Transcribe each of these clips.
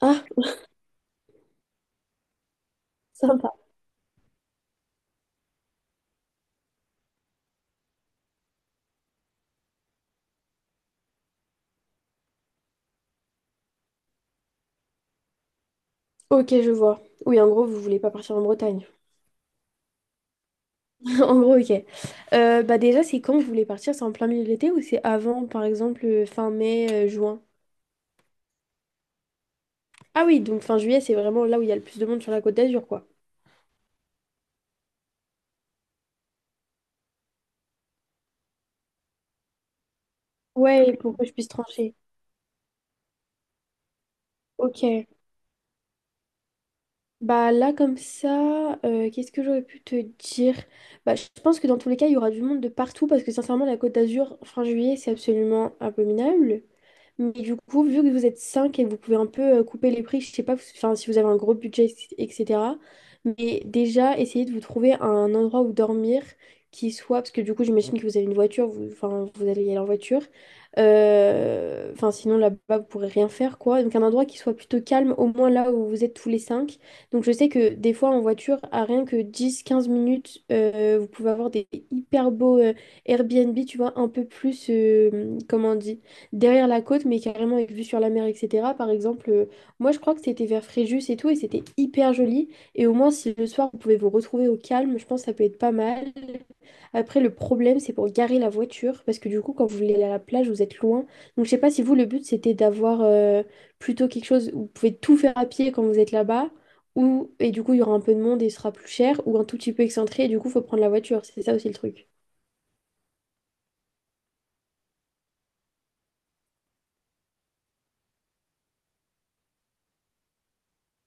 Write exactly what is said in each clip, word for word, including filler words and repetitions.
Ah, sympa. Ok, je vois. Oui, en gros, vous voulez pas partir en Bretagne. En gros, ok. Euh, bah déjà, c'est quand vous voulez partir? C'est en plein milieu de l'été ou c'est avant, par exemple, euh, fin mai, euh, juin? Ah oui, donc fin juillet, c'est vraiment là où il y a le plus de monde sur la Côte d'Azur, quoi. Ouais, pour que je puisse trancher. Ok. Bah là, comme ça, euh, qu'est-ce que j'aurais pu te dire? Bah, je pense que dans tous les cas, il y aura du monde de partout parce que sincèrement, la Côte d'Azur, fin juillet, c'est absolument abominable. Mais du coup, vu que vous êtes cinq et que vous pouvez un peu euh, couper les prix, je sais pas enfin, si vous avez un gros budget, et cetera. Mais déjà, essayez de vous trouver un endroit où dormir qui soit, parce que du coup, j'imagine que vous avez une voiture, vous, enfin, vous allez y aller en voiture. Euh, Enfin, sinon, là-bas, vous pourrez rien faire, quoi. Donc, un endroit qui soit plutôt calme, au moins là où vous êtes tous les cinq. Donc, je sais que des fois, en voiture, à rien que dix quinze minutes, euh, vous pouvez avoir des hyper beaux euh, Airbnb, tu vois, un peu plus, euh, comment on dit? Derrière la côte, mais carrément avec vue sur la mer, et cetera. Par exemple, euh, moi je crois que c'était vers Fréjus et tout, et c'était hyper joli. Et au moins, si le soir vous pouvez vous retrouver au calme, je pense que ça peut être pas mal. Après, le problème, c'est pour garer la voiture, parce que du coup, quand vous voulez aller à la plage, vous êtes loin. Donc, je sais pas si vous, le but, c'était d'avoir euh, plutôt quelque chose où vous pouvez tout faire à pied quand vous êtes là-bas, ou et du coup, il y aura un peu de monde et ce sera plus cher, ou un tout petit peu excentré, et du coup, il faut prendre la voiture. C'est ça aussi le truc.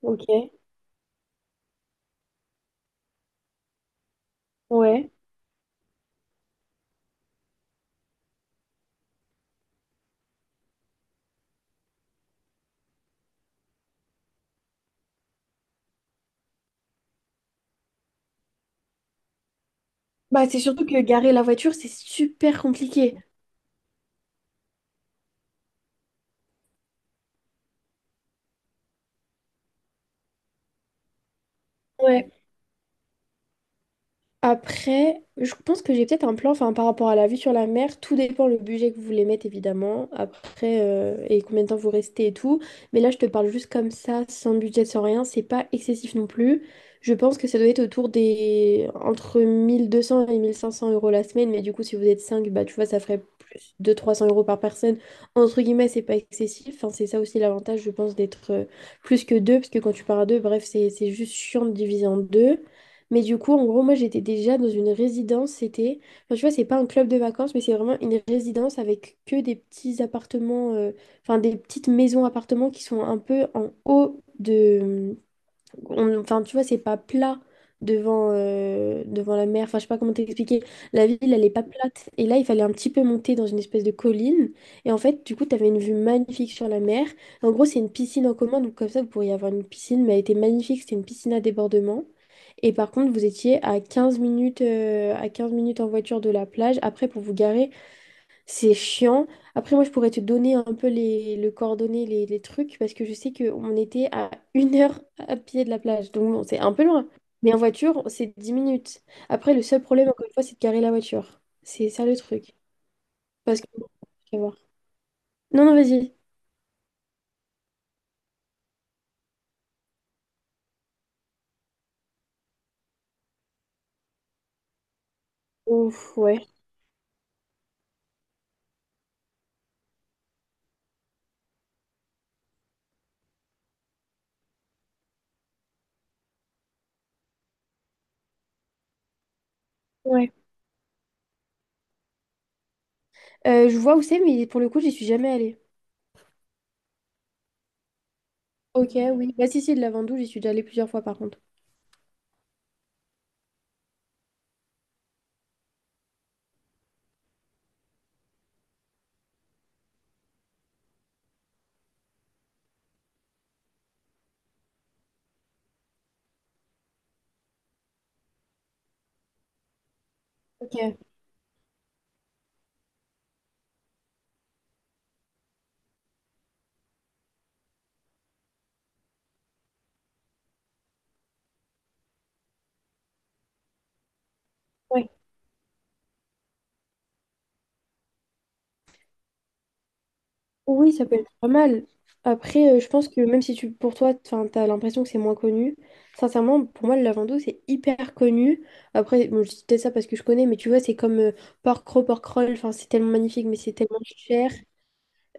Ok, ouais. Bah, c'est surtout que garer la voiture, c'est super compliqué. Ouais. Après, je pense que j'ai peut-être un plan, enfin, par rapport à la vue sur la mer, tout dépend le budget que vous voulez mettre, évidemment, après, euh, et combien de temps vous restez et tout. Mais là, je te parle juste comme ça, sans budget, sans rien, c'est pas excessif non plus. Je pense que ça doit être autour des... entre mille deux cents et mille cinq cents euros la semaine, mais du coup, si vous êtes cinq bah, tu vois, ça ferait plus de trois cents euros par personne. Entre guillemets, c'est pas excessif, enfin, c'est ça aussi l'avantage, je pense, d'être euh, plus que deux, parce que quand tu pars à deux, bref, c'est c'est juste chiant de diviser en deux. Mais du coup, en gros, moi, j'étais déjà dans une résidence. C'était, enfin, tu vois, c'est pas un club de vacances, mais c'est vraiment une résidence avec que des petits appartements, euh, enfin, des petites maisons-appartements qui sont un peu en haut de on- enfin, tu vois, c'est pas plat devant, euh, devant la mer. Enfin, je sais pas comment t'expliquer. La ville, elle est pas plate. Et là, il fallait un petit peu monter dans une espèce de colline. Et en fait, du coup, t'avais une vue magnifique sur la mer. En gros, c'est une piscine en commun. Donc, comme ça, vous pourriez avoir une piscine, mais elle était magnifique. C'était une piscine à débordement. Et par contre, vous étiez à quinze minutes, euh, à quinze minutes en voiture de la plage. Après, pour vous garer, c'est chiant. Après, moi, je pourrais te donner un peu les, le coordonnées, les, les trucs, parce que je sais qu'on était à une heure à pied de la plage. Donc, bon, c'est un peu loin. Mais en voiture, c'est dix minutes. Après, le seul problème, encore une fois, c'est de garer la voiture. C'est ça le truc. Parce que... je vais voir. Non, non, vas-y. Ouf, ouais. Ouais. Euh, je vois où c'est, mais pour le coup, j'y suis jamais allée. Ok, oui. Bah, si, si, de la Ventouse, j'y suis déjà allée plusieurs fois, par contre. Ok, ouais. Oui, ça peut être pas mal. Après, euh, je pense que même si tu, pour toi, enfin, t'as l'impression que c'est moins connu, sincèrement, pour moi, le lavando, c'est hyper connu. Après, bon, je dis peut-être ça parce que je connais, mais tu vois, c'est comme euh, porc roll, porc roll, enfin, c'est tellement magnifique, mais c'est tellement cher.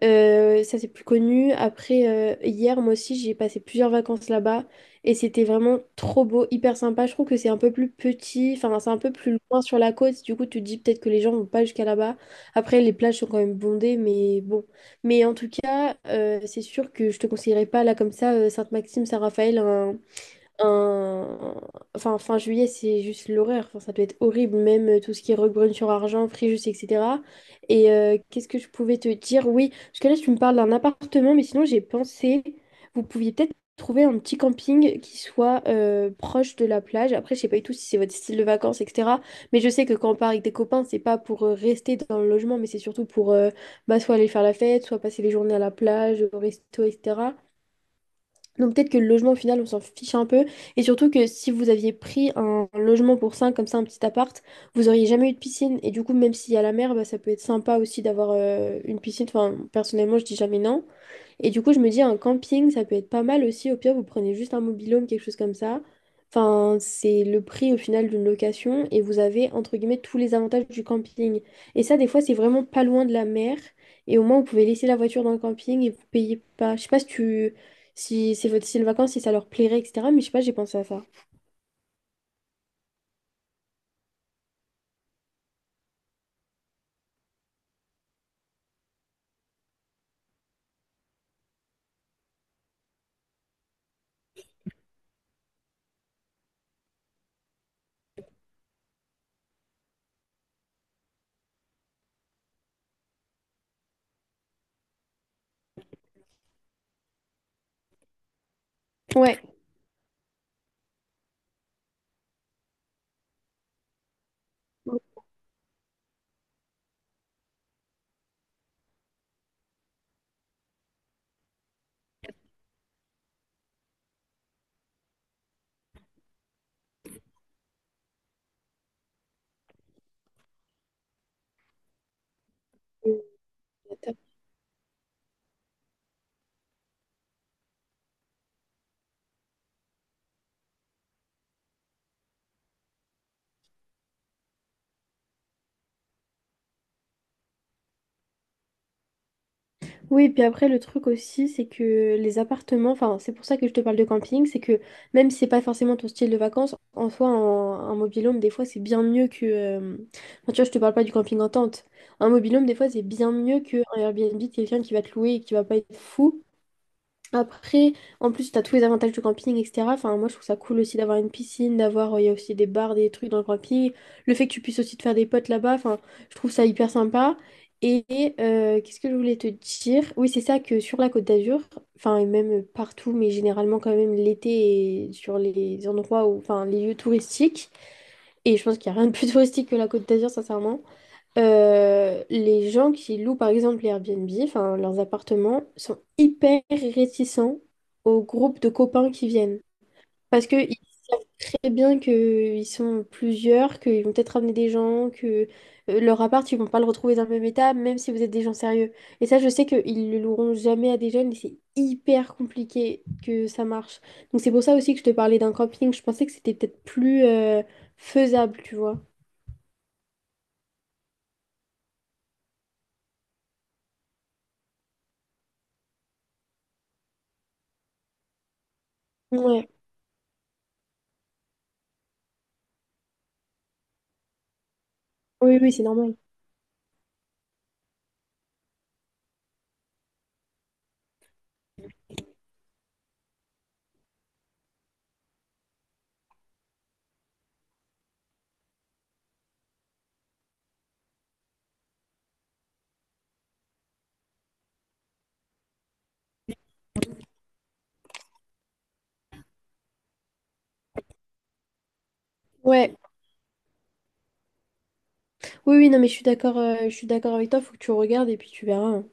Euh, ça, c'est plus connu. Après, euh, hier, moi aussi, j'ai passé plusieurs vacances là-bas et c'était vraiment trop beau, hyper sympa. Je trouve que c'est un peu plus petit, enfin, c'est un peu plus loin sur la côte. Du coup, tu te dis peut-être que les gens vont pas jusqu'à là-bas. Après, les plages sont quand même bondées, mais bon. Mais en tout cas, euh, c'est sûr que je te conseillerais pas, là, comme ça, euh, Sainte-Maxime, Saint-Raphaël, un- enfin, fin juillet, c'est juste l'horreur. Enfin, ça peut être horrible, même euh, tout ce qui est Roquebrune-sur-Argent, Fréjus, et cetera. Et euh, qu'est-ce que je pouvais te dire? Oui, parce que là, tu me parles d'un appartement, mais sinon, j'ai pensé, vous pouviez peut-être trouver un petit camping qui soit euh, proche de la plage. Après, je sais pas du tout si c'est votre style de vacances, et cetera. Mais je sais que quand on part avec des copains, c'est pas pour euh, rester dans le logement, mais c'est surtout pour euh, bah, soit aller faire la fête, soit passer les journées à la plage, au resto, et cetera. Donc peut-être que le logement au final on s'en fiche un peu et surtout que si vous aviez pris un un logement pour cinq comme ça un petit appart, vous auriez jamais eu de piscine et du coup même s'il y a la mer bah, ça peut être sympa aussi d'avoir euh, une piscine. Enfin personnellement je dis jamais non et du coup, je me dis, un camping, ça peut être pas mal aussi. Au pire, vous prenez juste un mobil-home, quelque chose comme ça. Enfin, c'est le prix au final d'une location et vous avez, entre guillemets, tous les avantages du camping. Et ça, des fois, c'est vraiment pas loin de la mer. Et au moins, vous pouvez laisser la voiture dans le camping et vous payez pas. Je sais pas si tu... si c'est votre style de vacances, si ça leur plairait, et cetera. Mais je sais pas, j'ai pensé à ça. Ouais. Oui, puis après, le truc aussi, c'est que les appartements, enfin, c'est pour ça que je te parle de camping, c'est que même si c'est pas forcément ton style de vacances, en soi, un, un mobil-home, des fois, c'est bien mieux que. Euh, enfin, tu vois, je te parle pas du camping en tente. Un mobil-home, des fois, c'est bien mieux qu'un Airbnb de quelqu'un qui va te louer et qui va pas être fou. Après, en plus, t'as tous les avantages du camping, et cetera. Enfin, moi, je trouve ça cool aussi d'avoir une piscine, d'avoir, il y a aussi des bars, des trucs dans le camping. Le fait que tu puisses aussi te faire des potes là-bas, enfin, je trouve ça hyper sympa. Et euh, qu'est-ce que je voulais te dire? Oui, c'est ça que sur la Côte d'Azur, enfin, et même partout, mais généralement quand même l'été et sur les endroits où, enfin, les lieux touristiques. Et je pense qu'il n'y a rien de plus touristique que la Côte d'Azur, sincèrement. Euh, les gens qui louent par exemple les Airbnb, enfin leurs appartements, sont hyper réticents aux groupes de copains qui viennent. Parce que ils savent très bien qu'ils sont plusieurs, qu'ils vont peut-être ramener des gens, que euh, leur appart, ils vont pas le retrouver dans le même état, même si vous êtes des gens sérieux. Et ça, je sais qu'ils le loueront jamais à des jeunes et c'est hyper compliqué que ça marche. Donc c'est pour ça aussi que je te parlais d'un camping. Je pensais que c'était peut-être plus euh, faisable, tu vois. Ouais, oui, oui, c'est normal. Ouais, oui, oui, non, mais je suis d'accord, euh, je suis d'accord avec toi, faut que tu regardes et puis tu verras, hein.